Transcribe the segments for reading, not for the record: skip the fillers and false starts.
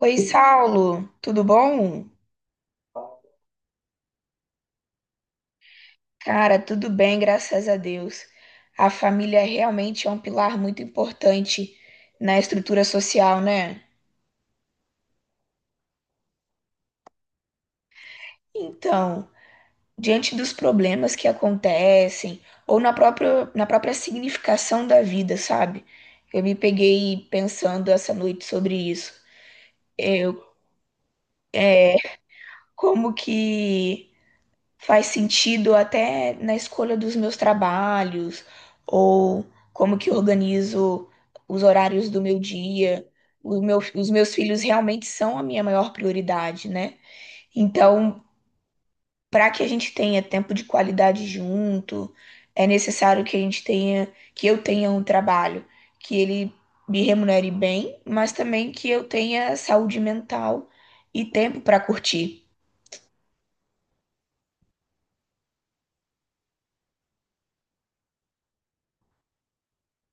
Oi, Saulo, tudo bom? Cara, tudo bem, graças a Deus. A família realmente é um pilar muito importante na estrutura social, né? Então, diante dos problemas que acontecem, ou na própria significação da vida, sabe? Eu me peguei pensando essa noite sobre isso. Eu, como que faz sentido até na escolha dos meus trabalhos, ou como que eu organizo os horários do meu dia. Os meus filhos realmente são a minha maior prioridade, né? Então, para que a gente tenha tempo de qualidade junto, é necessário que eu tenha um trabalho que ele me remunere bem, mas também que eu tenha saúde mental e tempo para curtir.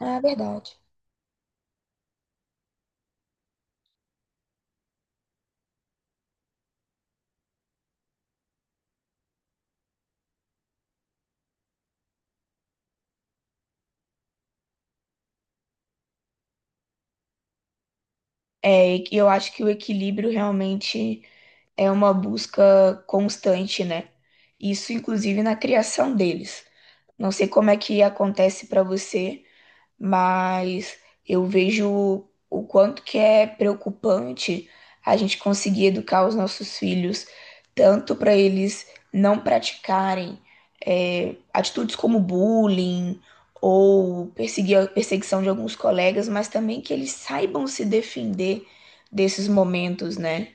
Ah, é verdade. É, e eu acho que o equilíbrio realmente é uma busca constante, né? Isso, inclusive, na criação deles. Não sei como é que acontece para você, mas eu vejo o quanto que é preocupante a gente conseguir educar os nossos filhos, tanto para eles não praticarem atitudes como bullying ou perseguir perseguição de alguns colegas, mas também que eles saibam se defender desses momentos, né?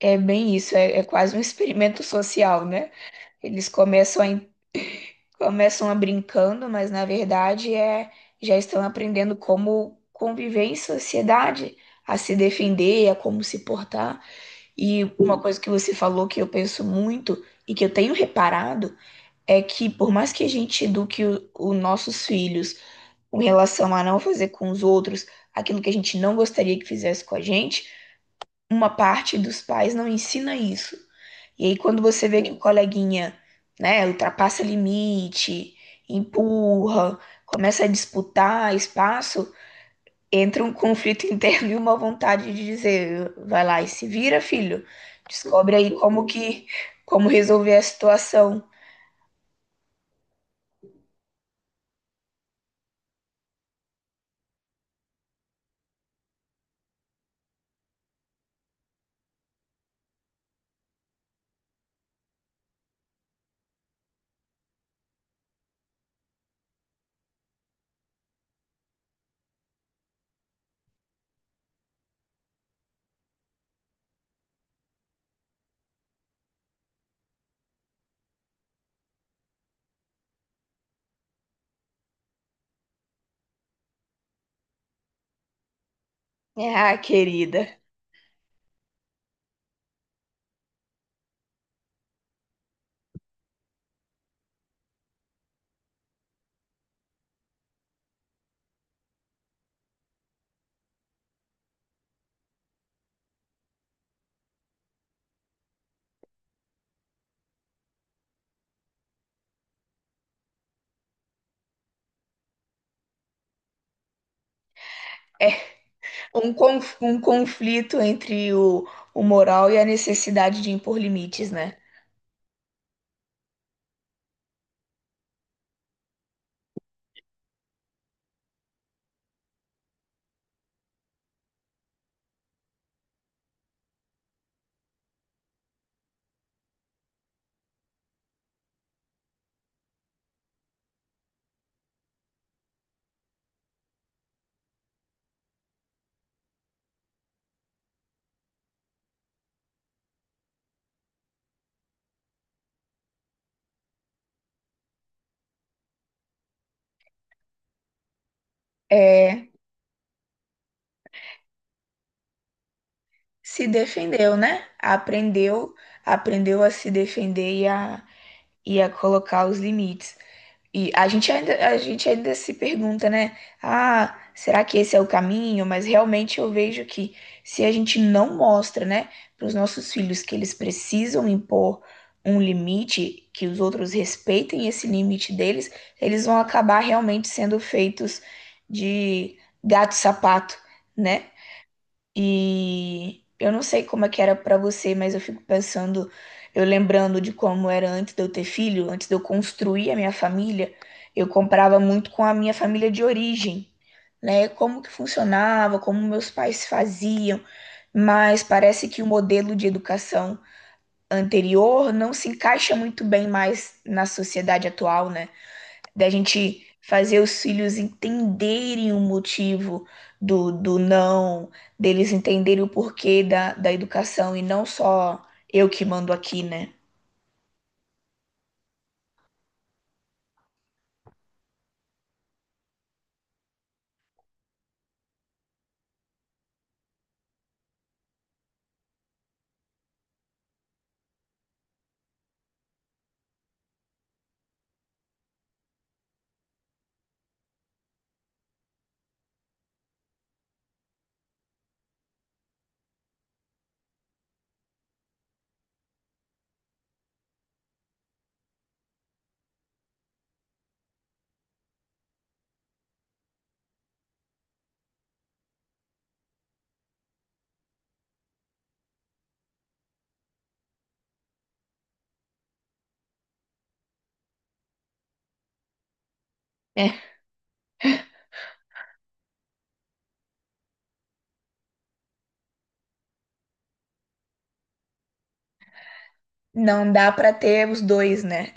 É bem isso, é, é quase um experimento social, né? Eles começam a brincando, mas na verdade já estão aprendendo como conviver em sociedade, a se defender, a como se portar. E uma coisa que você falou que eu penso muito e que eu tenho reparado é que por mais que a gente eduque os nossos filhos com relação a não fazer com os outros aquilo que a gente não gostaria que fizesse com a gente, uma parte dos pais não ensina isso. E aí, quando você vê que o coleguinha, né, ultrapassa limite, empurra, começa a disputar espaço, entra um conflito interno e uma vontade de dizer, vai lá e se vira, filho. Descobre aí como resolver a situação. Ah, querida. É um conflito entre o moral e a necessidade de impor limites, né? É, se defendeu, né? Aprendeu, aprendeu a se defender e a colocar os limites. E a gente ainda se pergunta, né? Ah, será que esse é o caminho? Mas realmente eu vejo que se a gente não mostra, né, para os nossos filhos que eles precisam impor um limite, que os outros respeitem esse limite deles, eles vão acabar realmente sendo feitos de gato-sapato, né? E eu não sei como é que era pra você, mas eu fico pensando, eu lembrando de como era antes de eu ter filho, antes de eu construir a minha família, eu comprava muito com a minha família de origem, né? Como que funcionava, como meus pais faziam, mas parece que o modelo de educação anterior não se encaixa muito bem mais na sociedade atual, né? Da gente fazer os filhos entenderem o motivo do não, deles entenderem o porquê da educação e não só eu que mando aqui, né? É, não dá para ter os dois, né?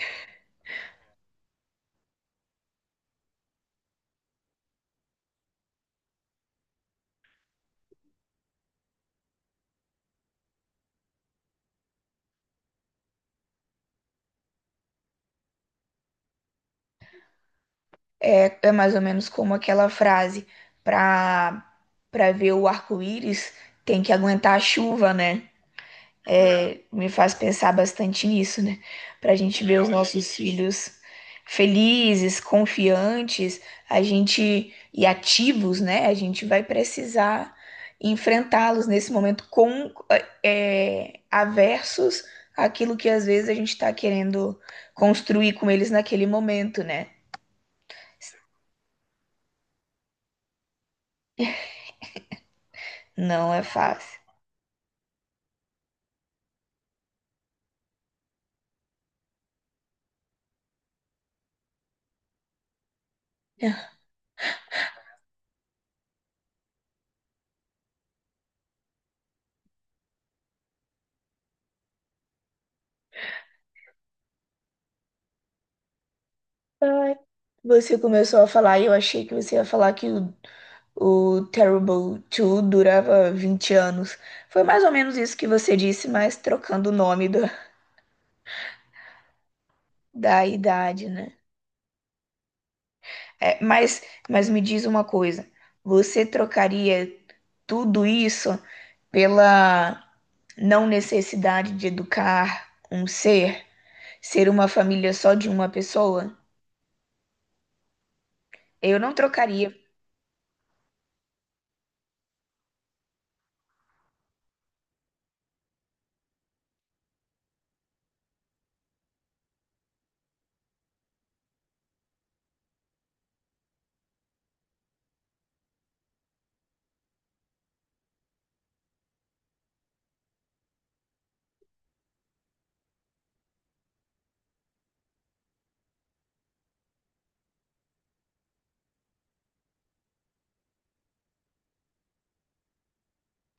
É, é mais ou menos como aquela frase: pra pra ver o arco-íris tem que aguentar a chuva, né? É, me faz pensar bastante nisso, né? Para a gente ver os nossos filhos felizes, confiantes, a gente e ativos, né? A gente vai precisar enfrentá-los nesse momento com aversos àquilo que às vezes a gente está querendo construir com eles naquele momento, né? Não é fácil. Ai, você começou a falar e eu achei que você ia falar que o Terrible 2 durava 20 anos. Foi mais ou menos isso que você disse, mas trocando o nome da, da idade, né? É, mas me diz uma coisa: você trocaria tudo isso pela não necessidade de educar um ser, ser uma família só de uma pessoa? Eu não trocaria.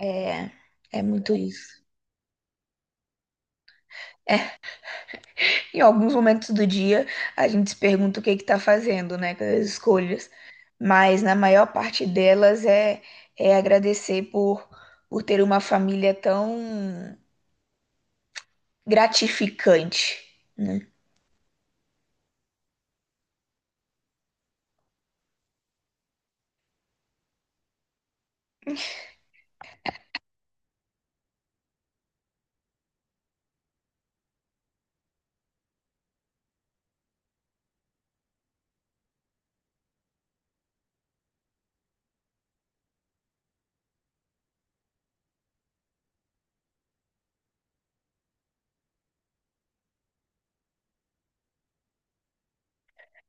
É, é muito isso. É, em alguns momentos do dia, a gente se pergunta o que está fazendo, né, com as escolhas. Mas na maior parte delas é, é agradecer por ter uma família tão gratificante, né?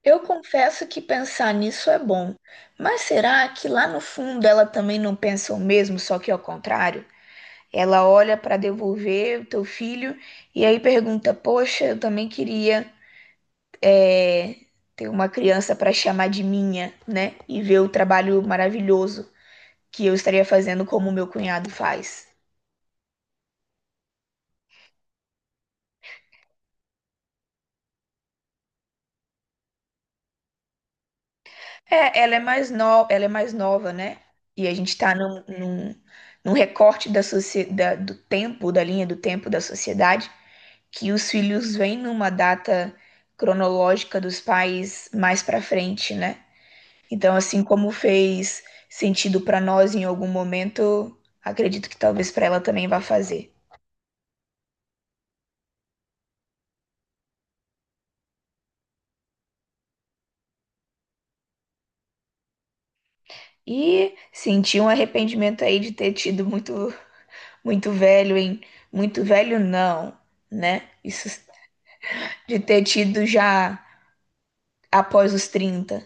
Eu confesso que pensar nisso é bom, mas será que lá no fundo ela também não pensa o mesmo, só que ao contrário? Ela olha para devolver o teu filho e aí pergunta: poxa, eu também queria ter uma criança para chamar de minha, né? E ver o trabalho maravilhoso que eu estaria fazendo como meu cunhado faz. É, ela é mais no... ela é mais nova, né? E a gente está num recorte da socie... do tempo, da linha do tempo da sociedade, que os filhos vêm numa data cronológica dos pais mais para frente, né? Então, assim como fez sentido para nós em algum momento, acredito que talvez para ela também vá fazer. E senti um arrependimento aí de ter tido muito, muito velho em, muito velho não, né? Isso de ter tido já após os 30.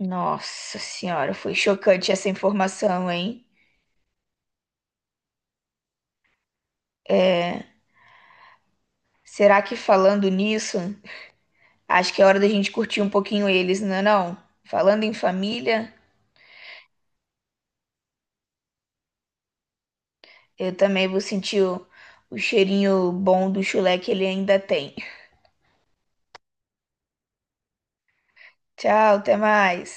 Nossa senhora, foi chocante essa informação, hein? É, será que falando nisso, acho que é hora da gente curtir um pouquinho eles, não é não? Falando em família, eu também vou sentir o cheirinho bom do chulé que ele ainda tem. Tchau, até mais.